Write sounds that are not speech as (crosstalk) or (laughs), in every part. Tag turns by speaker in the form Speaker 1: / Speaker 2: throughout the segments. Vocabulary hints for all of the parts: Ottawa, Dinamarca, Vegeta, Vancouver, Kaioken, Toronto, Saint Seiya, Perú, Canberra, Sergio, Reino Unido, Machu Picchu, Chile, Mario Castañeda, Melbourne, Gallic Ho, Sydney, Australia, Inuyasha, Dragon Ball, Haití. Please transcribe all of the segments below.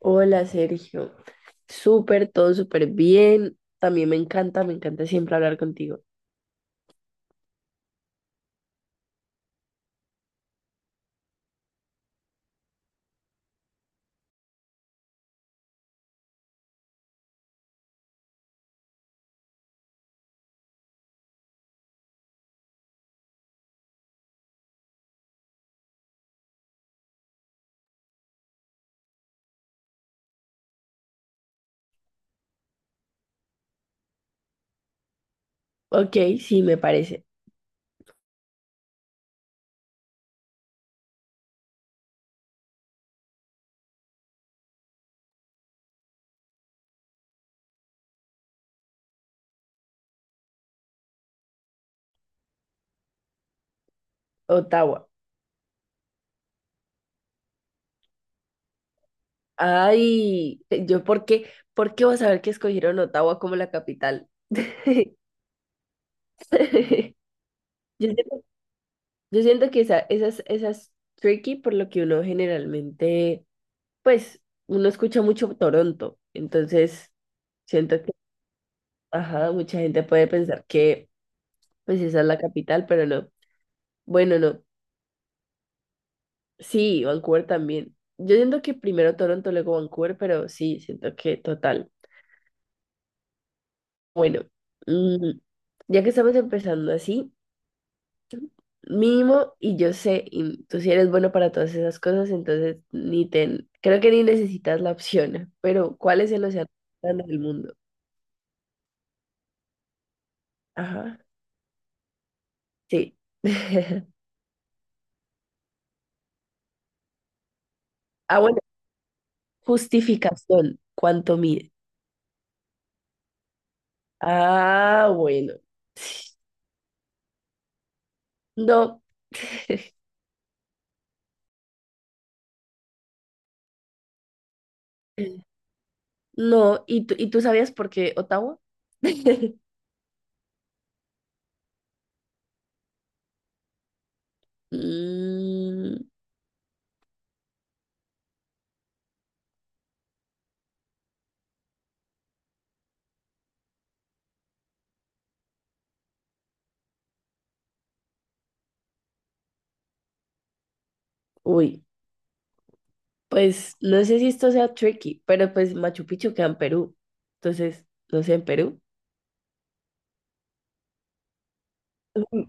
Speaker 1: Hola Sergio, súper, todo súper bien. También me encanta siempre hablar contigo. Ok, sí, me parece. Ottawa. Ay, ¿por qué? ¿Por qué vas a ver que escogieron Ottawa como la capital? (laughs) Yo siento, yo siento que esas tricky por lo que uno generalmente, pues, uno escucha mucho Toronto. Entonces, siento que, ajá, mucha gente puede pensar que, pues, esa es la capital, pero no. Bueno, no. Sí, Vancouver también. Yo siento que primero Toronto, luego Vancouver, pero sí, siento que total. Bueno, mm, ya que estamos empezando así, mínimo, y yo sé, y tú sí eres bueno para todas esas cosas, entonces ni te, creo que ni necesitas la opción, pero ¿cuál es el océano más grande del mundo? Ajá, sí. (laughs) Ah, bueno, justificación, ¿cuánto mide? Ah, bueno. No. (laughs) No, ¿¿y tú sabías por qué Ottawa? (laughs) Mm, uy, pues no sé si esto sea tricky, pero pues Machu Picchu queda en Perú. Entonces, no sé, en Perú. Mm.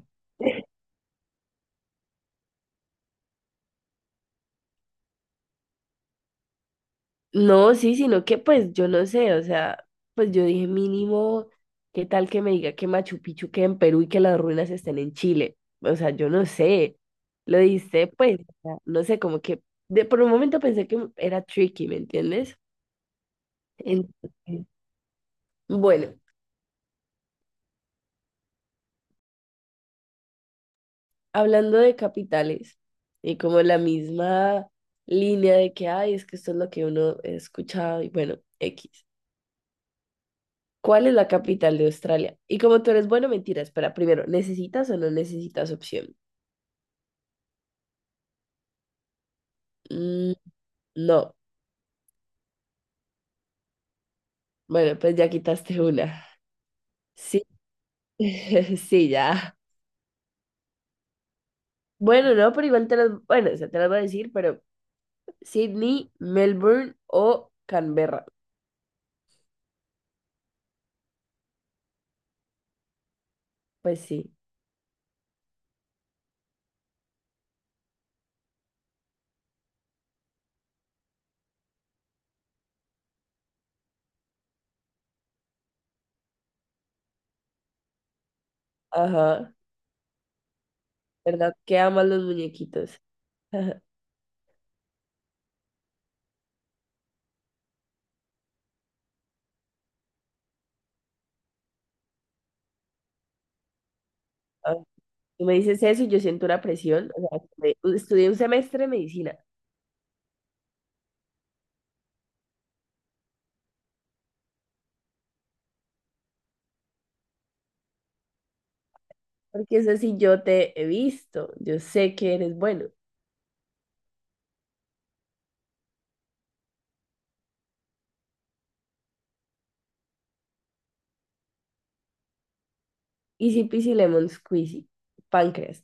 Speaker 1: No, sí, sino que pues yo no sé, o sea, pues yo dije mínimo, ¿qué tal que me diga que Machu Picchu queda en Perú y que las ruinas estén en Chile? O sea, yo no sé, lo dice pues, o sea, no sé, como que por un momento pensé que era tricky, ¿me entiendes? Entonces, bueno, hablando de capitales y como la misma línea de que, ay, es que esto es lo que uno ha escuchado y bueno, X. ¿Cuál es la capital de Australia? Y como tú eres bueno, mentira, espera, primero, ¿necesitas o no necesitas opción? Mm, no. Bueno, pues ya quitaste una. Sí, (laughs) sí, ya. Bueno, no, pero igual te las, bueno, o sea, te las voy a decir, pero Sydney, Melbourne o Canberra. Pues sí, ajá, ¿verdad? Que aman los muñequitos. (laughs) Tú me dices eso y yo siento una presión. O sea, estudié un semestre de medicina, porque eso sí yo te he visto, yo sé que eres bueno. Easy peasy lemon squeezy, páncreas.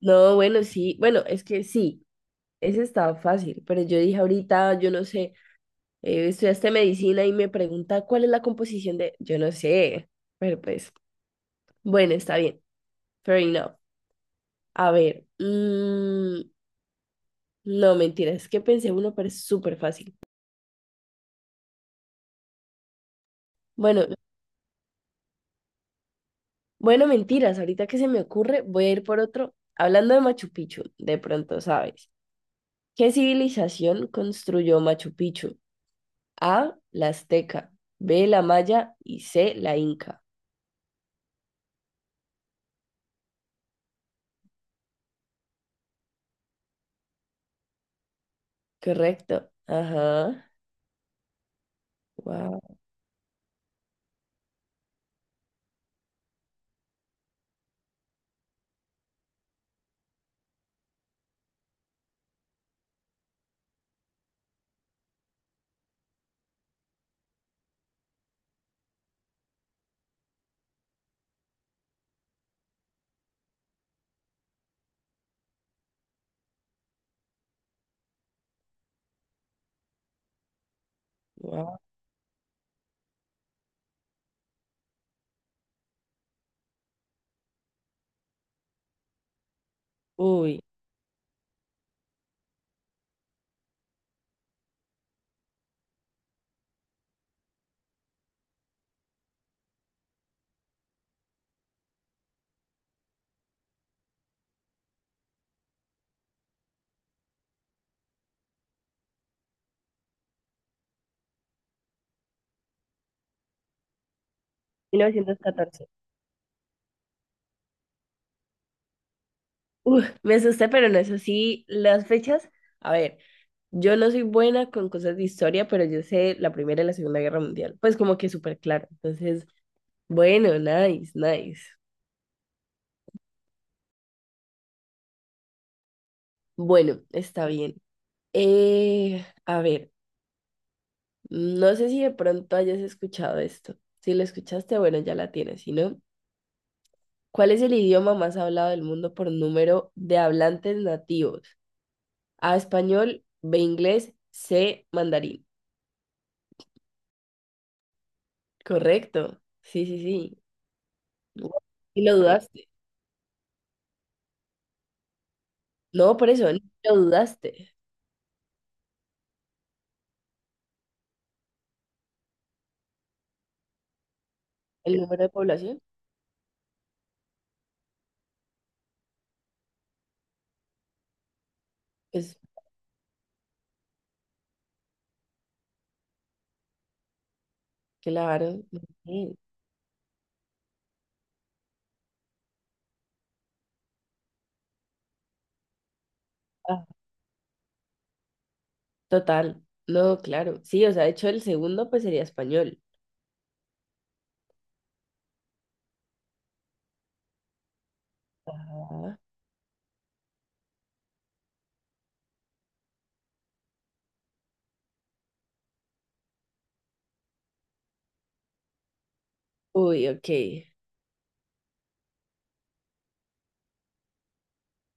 Speaker 1: No, bueno, sí, bueno, es que sí, ese estaba fácil, pero yo dije ahorita, yo no sé, estudiaste medicina y me pregunta cuál es la composición de, yo no sé, pero pues, bueno, está bien, fair enough. A ver, no, mentira, es que pensé uno, pero es súper fácil. Bueno, Bueno, mentiras, ahorita que se me ocurre, voy a ir por otro. Hablando de Machu Picchu, de pronto sabes. ¿Qué civilización construyó Machu Picchu? A, la azteca, B, la maya y C, la inca. Correcto. Ajá. Wow, wow. Uy, 1914. Uf, me asusté, pero no es así. Las fechas, a ver, yo no soy buena con cosas de historia, pero yo sé la Primera y la Segunda Guerra Mundial. Pues como que súper claro. Entonces, bueno, nice, nice. Bueno, está bien. A ver, no sé si de pronto hayas escuchado esto. Si lo escuchaste, bueno, ya la tienes. Si no, ¿cuál es el idioma más hablado del mundo por número de hablantes nativos? A, español, B, inglés, C, mandarín. Correcto. Sí, sí, sí. Guau, y lo dudaste. No, por eso, ni lo dudaste. El número de población, pues claro. Muy bien. Ah, total. No, claro. Sí, o sea, de hecho el segundo pues sería español. Ajá. Uy, ok.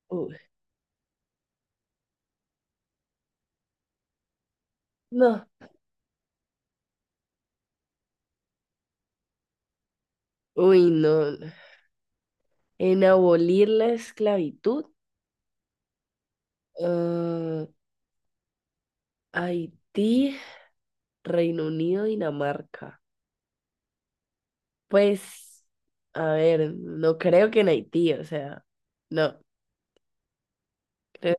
Speaker 1: Uy, no. Uy, no. No. En abolir la esclavitud, ah, Haití, Reino Unido, Dinamarca. Pues, a ver, no creo que en Haití, o sea, no. creo-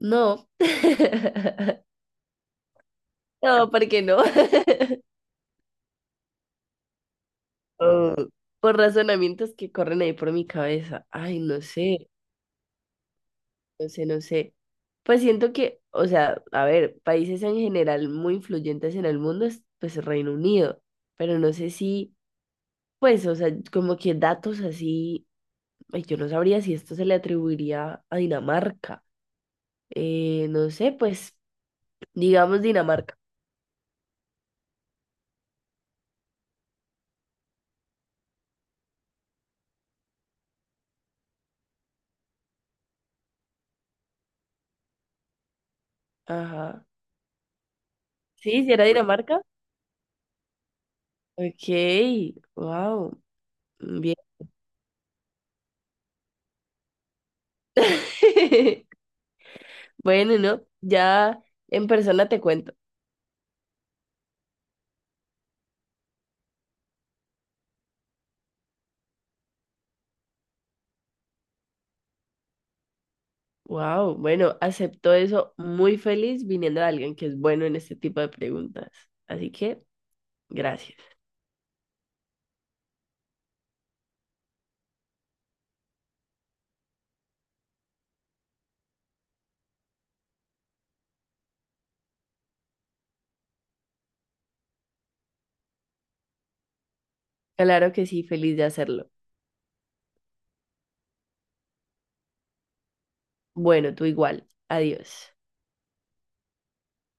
Speaker 1: No. (laughs) No, ¿por qué no? (laughs) Oh, por razonamientos que corren ahí por mi cabeza. Ay, no sé. No sé, no sé. Pues siento que, o sea, a ver, países en general muy influyentes en el mundo es pues Reino Unido, pero no sé si, pues, o sea, como que datos así, ay, yo no sabría si esto se le atribuiría a Dinamarca. No sé, pues, digamos Dinamarca. Ajá. Sí, si era Dinamarca. Ok, wow, bien. (laughs) Bueno, ¿no? Ya en persona te cuento. Wow, bueno, acepto eso muy feliz viniendo de alguien que es bueno en este tipo de preguntas. Así que, gracias. Claro que sí, feliz de hacerlo. Bueno, tú igual. Adiós.